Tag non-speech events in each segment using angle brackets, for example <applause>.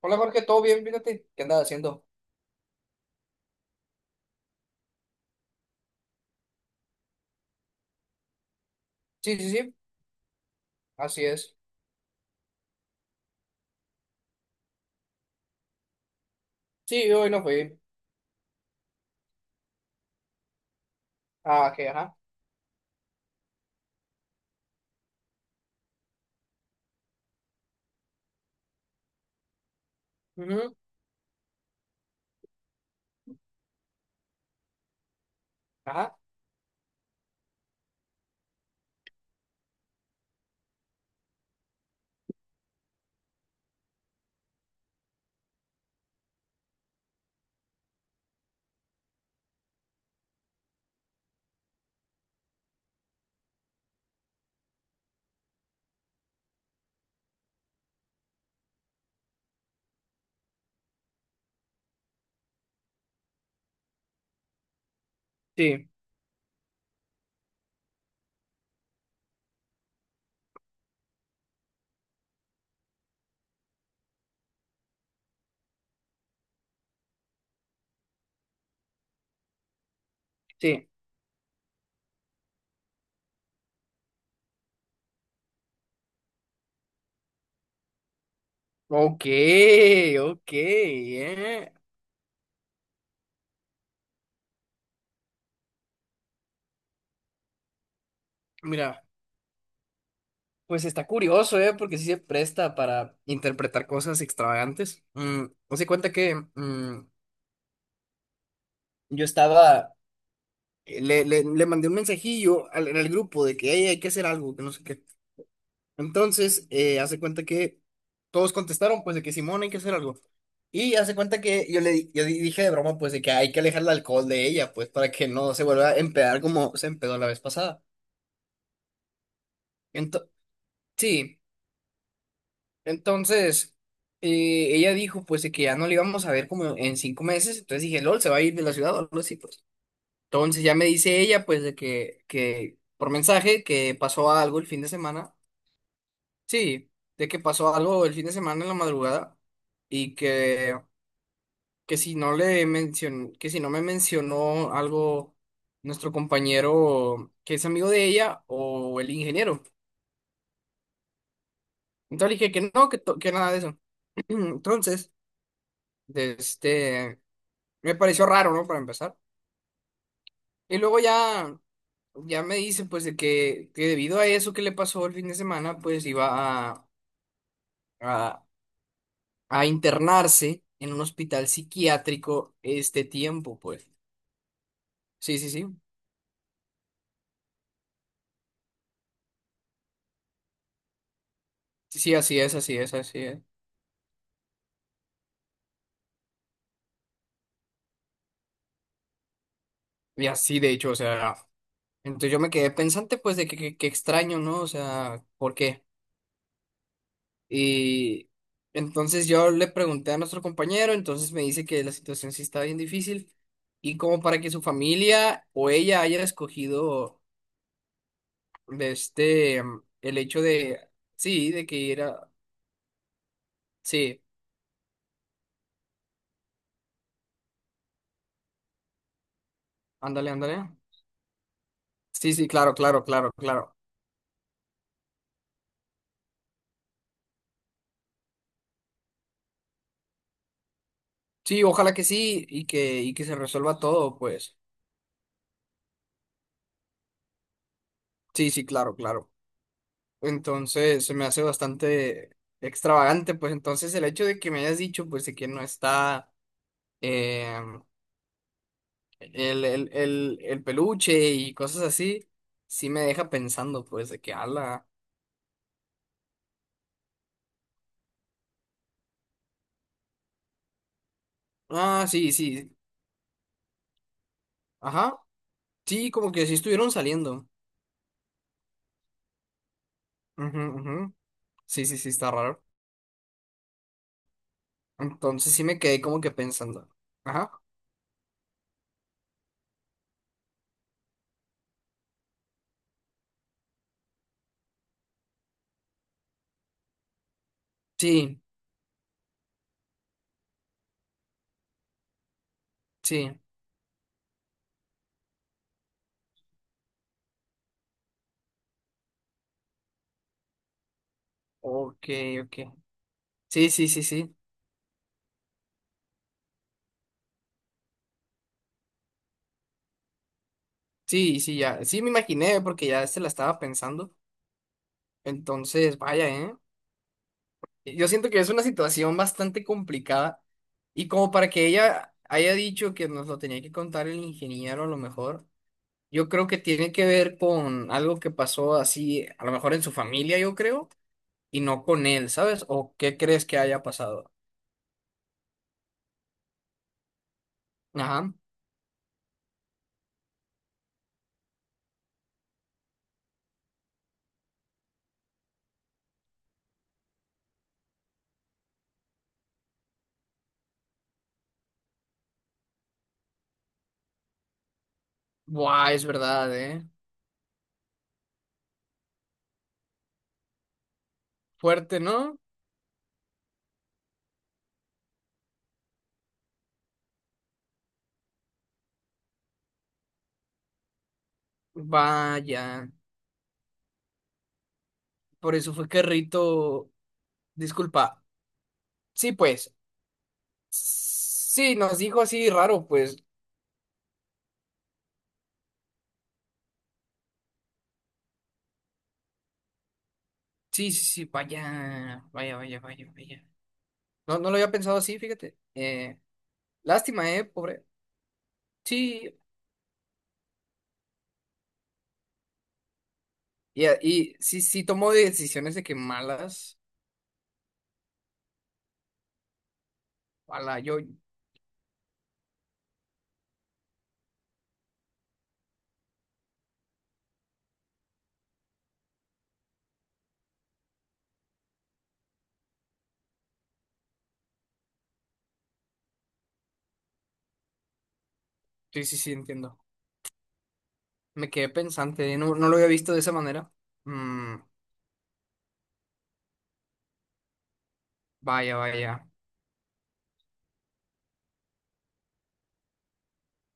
Hola Jorge, ¿todo bien? Fíjate, ¿qué andas haciendo? Sí, sí, sí, así es. Sí, hoy no fui. Ah, que, ajá. Ujú, ajá. Sí, sí. Ok, ok, Mira, pues está curioso, ¿eh? Porque sí se presta para interpretar cosas extravagantes. Mm, hace cuenta que yo estaba, le mandé un mensajillo al, en el grupo de que "Ey, hay que hacer algo, que no sé qué". Entonces, hace cuenta que todos contestaron, pues, de que simón, hay que hacer algo. Y hace cuenta que yo le di- yo di- dije de broma, pues, de que hay que alejar el alcohol de ella, pues, para que no se vuelva a empedar como se empedó la vez pasada. Ento- sí, entonces, ella dijo, pues, de que ya no le íbamos a ver como en cinco meses. Entonces dije, LOL, se va a ir de la ciudad o algo así, pues. Entonces ya me dice ella, pues, de que por mensaje, que pasó algo el fin de semana. Sí, de que pasó algo el fin de semana en la madrugada y que si no le mencionó, que si no me mencionó algo nuestro compañero que es amigo de ella o el ingeniero. Entonces le dije que no, que nada de eso. <clears throat> Entonces, de este, me pareció raro, ¿no? Para empezar. Y luego ya, ya me dice pues de que debido a eso que le pasó el fin de semana, pues iba a, a internarse en un hospital psiquiátrico este tiempo, pues. Sí, sí, sí. Sí, así es, así es, así es. Y así, de hecho, o sea, entonces yo me quedé pensante, pues, de que, que extraño, ¿no? O sea, ¿por qué? Y entonces yo le pregunté a nuestro compañero, entonces me dice que la situación sí está bien difícil y como para que su familia o ella haya escogido de este, el hecho de, sí, de que ir a, sí, ándale, ándale. Sí, sí, claro, claro, claro, claro. Sí, ojalá que sí y que se resuelva todo, pues. Sí, sí, claro, claro. Entonces, se me hace bastante extravagante, pues entonces el hecho de que me hayas dicho, pues, de que no está, eh, el peluche y cosas así, sí me deja pensando, pues, de que ala. Ah, sí, sí. Ajá. Sí, como que sí estuvieron saliendo. Ujú, ujú. Sí, sí, sí, está raro. Entonces sí me quedé como que pensando. Ajá. Sí, sí. Ok, ok. Sí, sí, sí, sí. Sí, sí, ya. Sí, me imaginé porque ya se la estaba pensando. Entonces, vaya, ¿eh? Yo siento que es una situación bastante complicada. Y como para que ella haya dicho que nos lo tenía que contar el ingeniero, a lo mejor, yo creo que tiene que ver con algo que pasó así, a lo mejor en su familia, yo creo, y no con él, ¿sabes? ¿O qué crees que haya pasado? Ajá. Buah, es verdad, ¿eh? Fuerte, ¿no? Vaya. Por eso fue que Rito. Disculpa. Sí, pues. Sí, nos dijo así raro, pues. Sí, sí, sí, vaya, vaya, vaya, vaya, vaya. No, no lo había pensado así, fíjate. Lástima, pobre. Sí, y sí, sí tomó decisiones de que malas. Ala, yo, sí, sí, sí, entiendo. Me quedé pensante, no, no lo había visto de esa manera. Mm, vaya, vaya.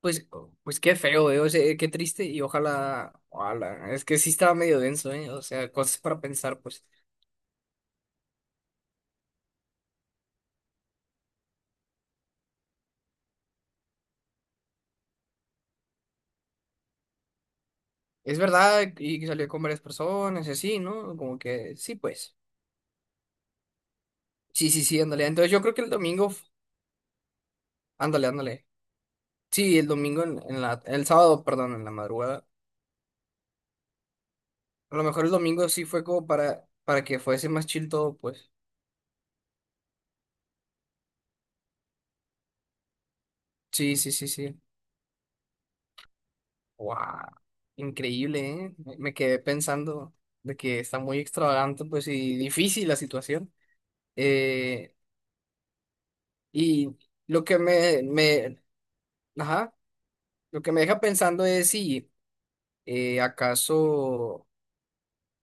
Pues, pues qué feo, o sea, qué triste y ojalá, ojalá. Es que sí estaba medio denso, o sea, cosas para pensar, pues. Es verdad, y que salió con varias personas y así, ¿no? Como que sí, pues. Sí, sí, sí, ándale. Entonces yo creo que el domingo, f- Ándale, ándale. Sí, el domingo en la, el sábado, perdón, en la madrugada. A lo mejor el domingo sí fue como para que fuese más chill todo, pues. Sí, sí, sí, sí. Wow. Increíble, ¿eh? Me quedé pensando de que está muy extravagante, pues, y difícil la situación. Eh, y lo que me, ajá, lo que me deja pensando es si eh, acaso,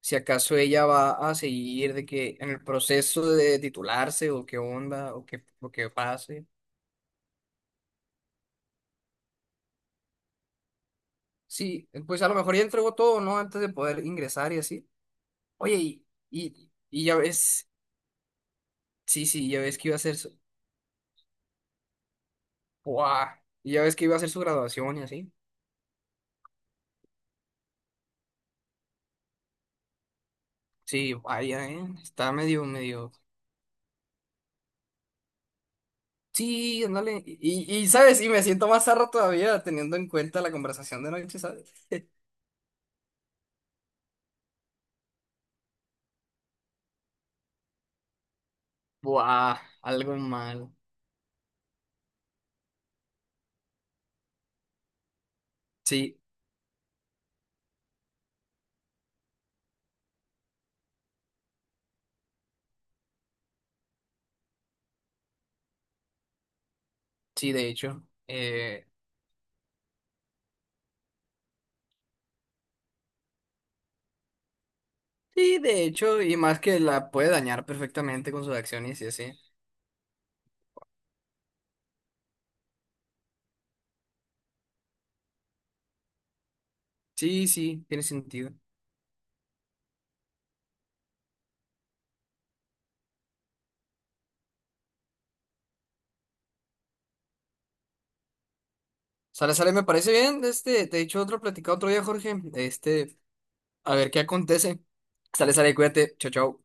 si acaso ella va a seguir de que en el proceso de titularse o qué onda o qué pase. Sí, pues a lo mejor ya entregó todo, ¿no? Antes de poder ingresar y así. Oye, ya ves, sí, ya ves que iba a ser su, guau. Y ya ves que iba a ser su graduación y así. Sí, vaya, ¿eh? Está medio, medio. Sí, ándale. ¿Sabes? Y me siento más zarra todavía teniendo en cuenta la conversación de noche, ¿sabes? Buah, algo mal. Sí, sí, de hecho. Sí, de hecho, y más que la puede dañar perfectamente con sus acciones y así. Sí, sí, tiene sentido. Sale, sale, me parece bien. Este, te he dicho otro, platicado otro día, Jorge. Este, a ver qué acontece. Sale, sale, cuídate. Chao, chao.